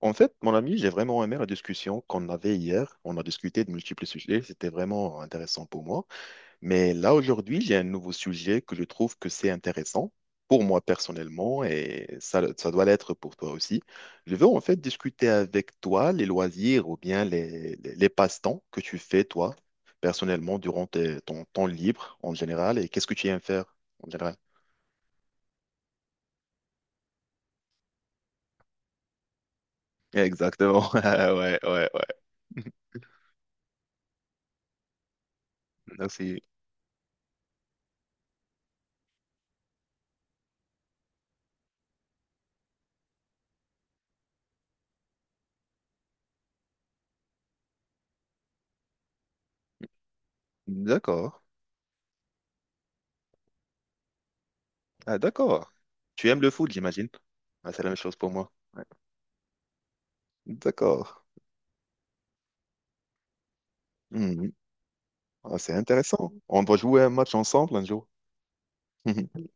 En fait, mon ami, j'ai vraiment aimé la discussion qu'on avait hier. On a discuté de multiples sujets, c'était vraiment intéressant pour moi. Mais là, aujourd'hui, j'ai un nouveau sujet que je trouve que c'est intéressant pour moi personnellement et ça doit l'être pour toi aussi. Je veux en fait discuter avec toi les loisirs ou bien les passe-temps que tu fais toi personnellement durant ton temps libre en général et qu'est-ce que tu aimes faire en général. Exactement. Ouais, ouais, ouais. Merci. D'accord. Ah, d'accord. Tu aimes le foot, j'imagine. Ah, c'est la même chose pour moi. Ouais. D'accord. Mhm. Ah, c'est intéressant. On doit jouer un match ensemble un jour.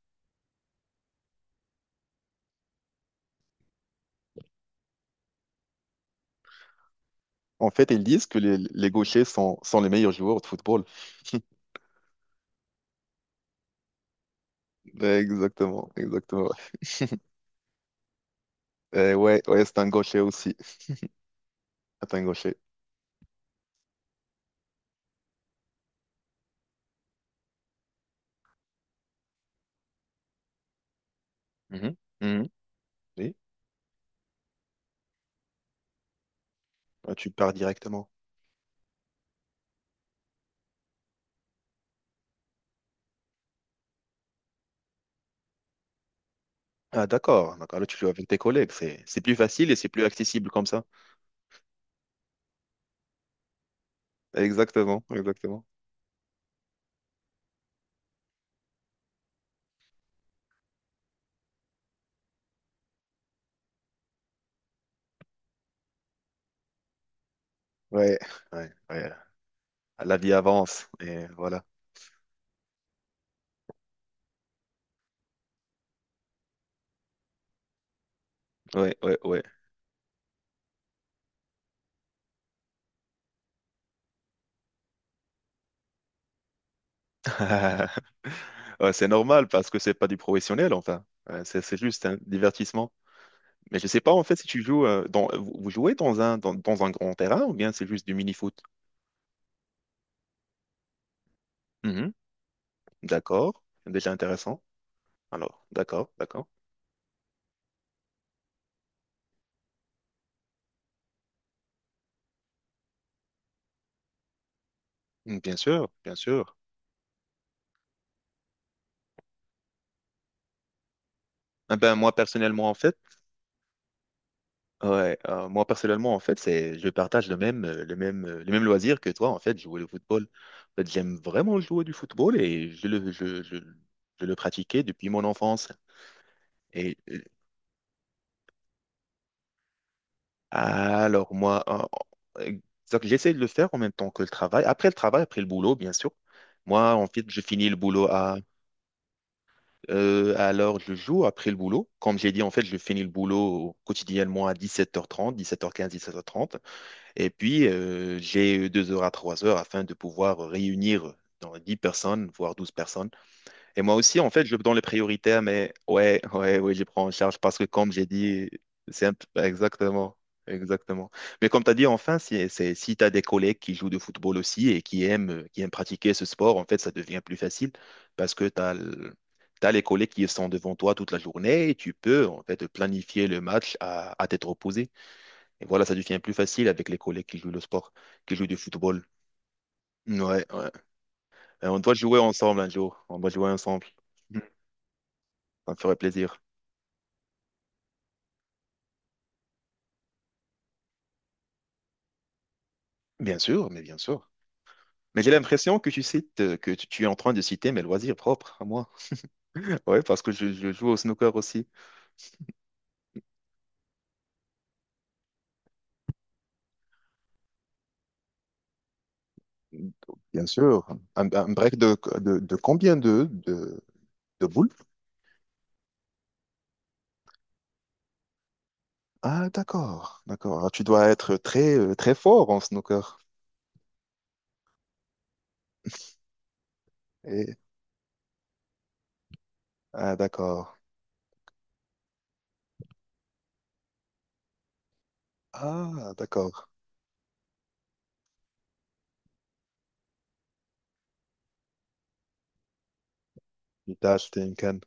En fait, ils disent que les gauchers sont les meilleurs joueurs de football. Ouais, exactement, exactement. Ouais, ouais, c'est un gaucher aussi. C'est un gaucher. Mhm. Mhm. Oui. Ah, tu pars directement. Ah, d'accord. Donc, alors, tu joues avec tes collègues. C'est plus facile et c'est plus accessible comme ça. Exactement, exactement. Ouais, ouais, ouais. La vie avance et voilà. Ouais, ouais, ouais. Ouais, c'est normal parce que c'est pas du professionnel, enfin. C'est juste un divertissement. Mais je sais pas en fait si tu joues dans vous vous jouez dans un grand terrain ou bien c'est juste du mini-foot. Mhm. D'accord, déjà intéressant. Alors, d'accord, d'accord. Mm, bien sûr, bien sûr. Ah ben moi personnellement en fait, ouais, moi personnellement en fait, c'est je partage le même le même le même loisir que toi en fait, jouer au football. En fait, j'aime vraiment jouer du football et je le pratiquais depuis mon enfance. Et alors moi, donc, j'essaie de le faire en même temps que le travail. Après le travail, après le boulot, bien sûr. Moi, en fait, je finis le boulot à l'heure du jour, après le boulot. Comme j'ai dit, en fait, je finis le boulot quotidiennement à 17h30, 17h15, 17h30. Et puis, j'ai 2 heures à 3 heures afin de pouvoir réunir dans 10 personnes, voire 12 personnes, et moi aussi, en fait, je donne les priorités, mais ouais, ouais, oui, je prends en charge parce que comme j'ai dit, exactement, exactement. Mais comme tu as dit, enfin, si, c'est, si tu as des collègues qui jouent de football aussi et qui aiment pratiquer ce sport, en fait, ça devient plus facile parce que tu as, les collègues qui sont devant toi toute la journée et tu peux, en fait, planifier le match à tête reposée. Et voilà, ça devient plus facile avec les collègues qui jouent le sport, qui jouent du football. Ouais, ouais. Et on doit jouer ensemble un jour. On doit jouer ensemble. Ça me ferait plaisir. Bien sûr. Mais j'ai l'impression que tu cites, que tu es en train de citer mes loisirs propres à moi. Ouais, parce que je joue au snooker aussi. Bien sûr. Un break de combien de boules? Ah, d'accord, d'accord. Alors, tu dois être très, très fort en snooker. Et, ah, d'accord. Ah, d'accord. Tu t'as acheté une canne.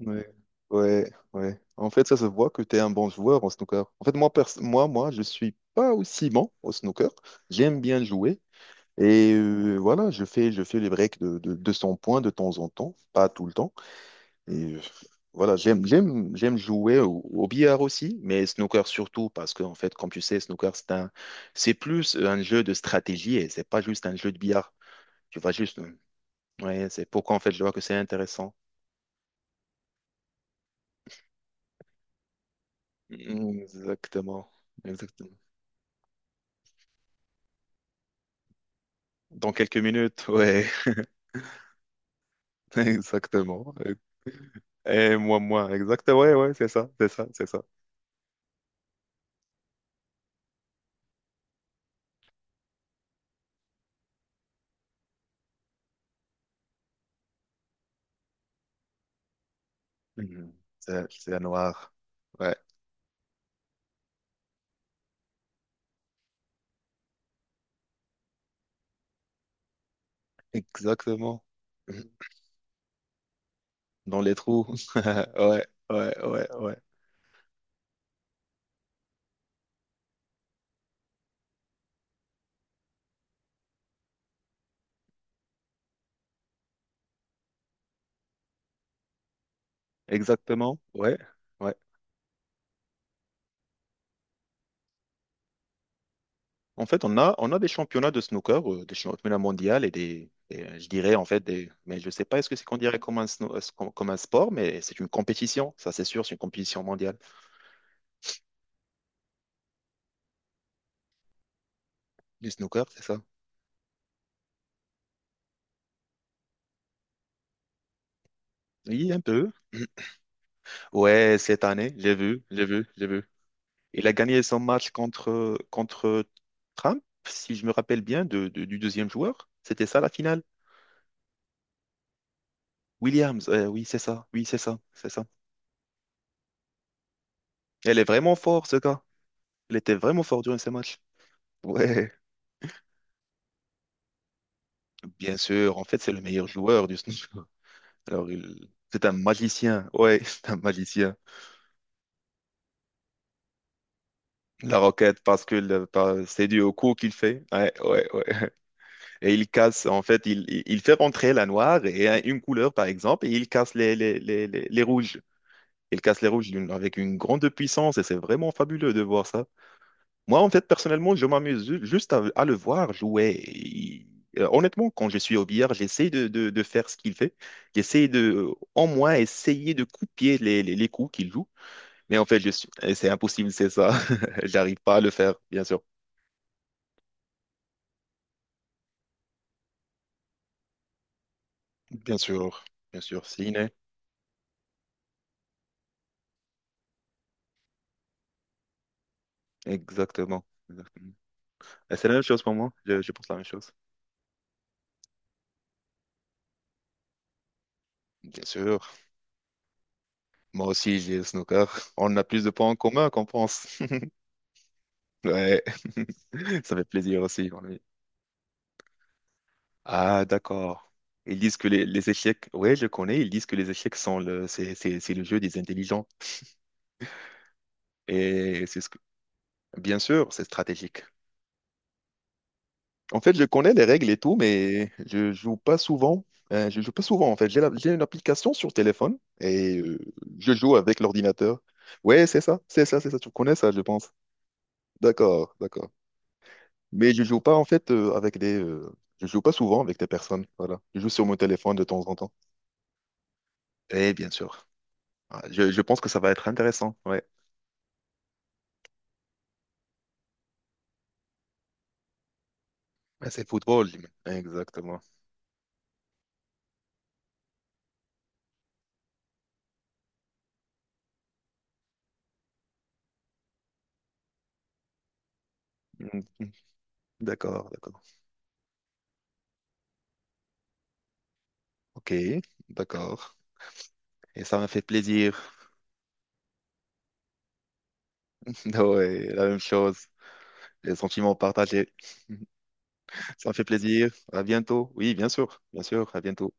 Ouais, ouais, ouais. En fait, ça se voit que tu es un bon joueur en snooker. En fait, moi, je suis pas aussi bon au snooker. J'aime bien jouer. Et voilà, je fais les breaks de 200 points de temps en temps, pas tout le temps. Et voilà, j'aime jouer au, au billard aussi, mais snooker surtout, parce que, en fait, comme tu sais, snooker, c'est plus un jeu de stratégie et c'est pas juste un jeu de billard. Tu vas juste. Mmh, Ouais, c'est pourquoi, en fait, je vois que c'est intéressant. Mmh, exactement. Exactement. Dans quelques minutes, ouais, exactement. Et moi, moi, exactement, ouais, ouais, c'est ça, c'est ça, c'est ça. Mhm. C'est la noire. Ouais, exactement. Mhm. Dans les trous. Ouais, ouais, ouais, ouais. Exactement. Ouais, ouais. En fait, on a des championnats de snooker, des championnats mondiaux et je dirais en fait des, mais je sais pas est-ce que c'est qu'on dirait comme un, comme un sport, mais c'est une compétition, ça c'est sûr, c'est une compétition mondiale. Du snooker, c'est ça? Oui, un peu. Ouais, cette année, j'ai vu, j'ai vu, j'ai vu. Il a gagné son match contre, contre Trump, si je me rappelle bien, du deuxième joueur. C'était ça la finale? Williams, oui, c'est ça, c'est ça. Elle est vraiment forte ce gars. Il était vraiment fort durant ce matchs. Ouais, bien sûr. En fait, c'est le meilleur joueur du snooker. Alors, c'est un magicien. Ouais, c'est un magicien. La roquette, parce que c'est dû au coup qu'il fait. Ouais, ouais, ouais. Et il casse, en fait, il fait rentrer la noire et une couleur, par exemple, et il casse les rouges. Il casse les rouges avec une grande puissance et c'est vraiment fabuleux de voir ça. Moi, en fait, personnellement, je m'amuse juste à le voir jouer. Honnêtement, quand je suis au billard, j'essaie de faire ce qu'il fait. J'essaie de, en moins, essayer de copier les coups qu'il joue. Mais en fait, et c'est impossible, c'est ça. J'arrive pas à le faire, bien sûr. Bien sûr, bien sûr, Ciné, exactement. Exactement. Et c'est la même chose pour moi. Je pense la même chose. Bien sûr. Moi aussi, j'ai le snooker. On a plus de points en commun qu'on pense. Ouais, ça fait plaisir aussi. Pour lui. Ah, d'accord. Ils disent que les échecs, ouais, je connais, ils disent que les échecs sont le, c'est le jeu des intelligents. Et c'est ce que, bien sûr, c'est stratégique. En fait, je connais les règles et tout, mais je joue pas souvent. Je joue pas souvent, en fait. J'ai une application sur téléphone et je joue avec l'ordinateur. Ouais, c'est ça, c'est ça, c'est ça. Tu connais ça, je pense. D'accord, d'accord. Mais je joue pas, en fait, avec des. Je joue pas souvent avec des personnes. Voilà. Je joue sur mon téléphone de temps en temps. Eh bien sûr. Ah, je pense que ça va être intéressant. Ouais. Mais c'est football. J'imagine. Exactement. Mm, mm. D'accord, d'accord. Ok, d'accord. Et ça m'a fait plaisir. Ouais, la même chose. Les sentiments partagés. Ça m'a fait plaisir. À bientôt. Oui, bien sûr. Bien sûr. À bientôt.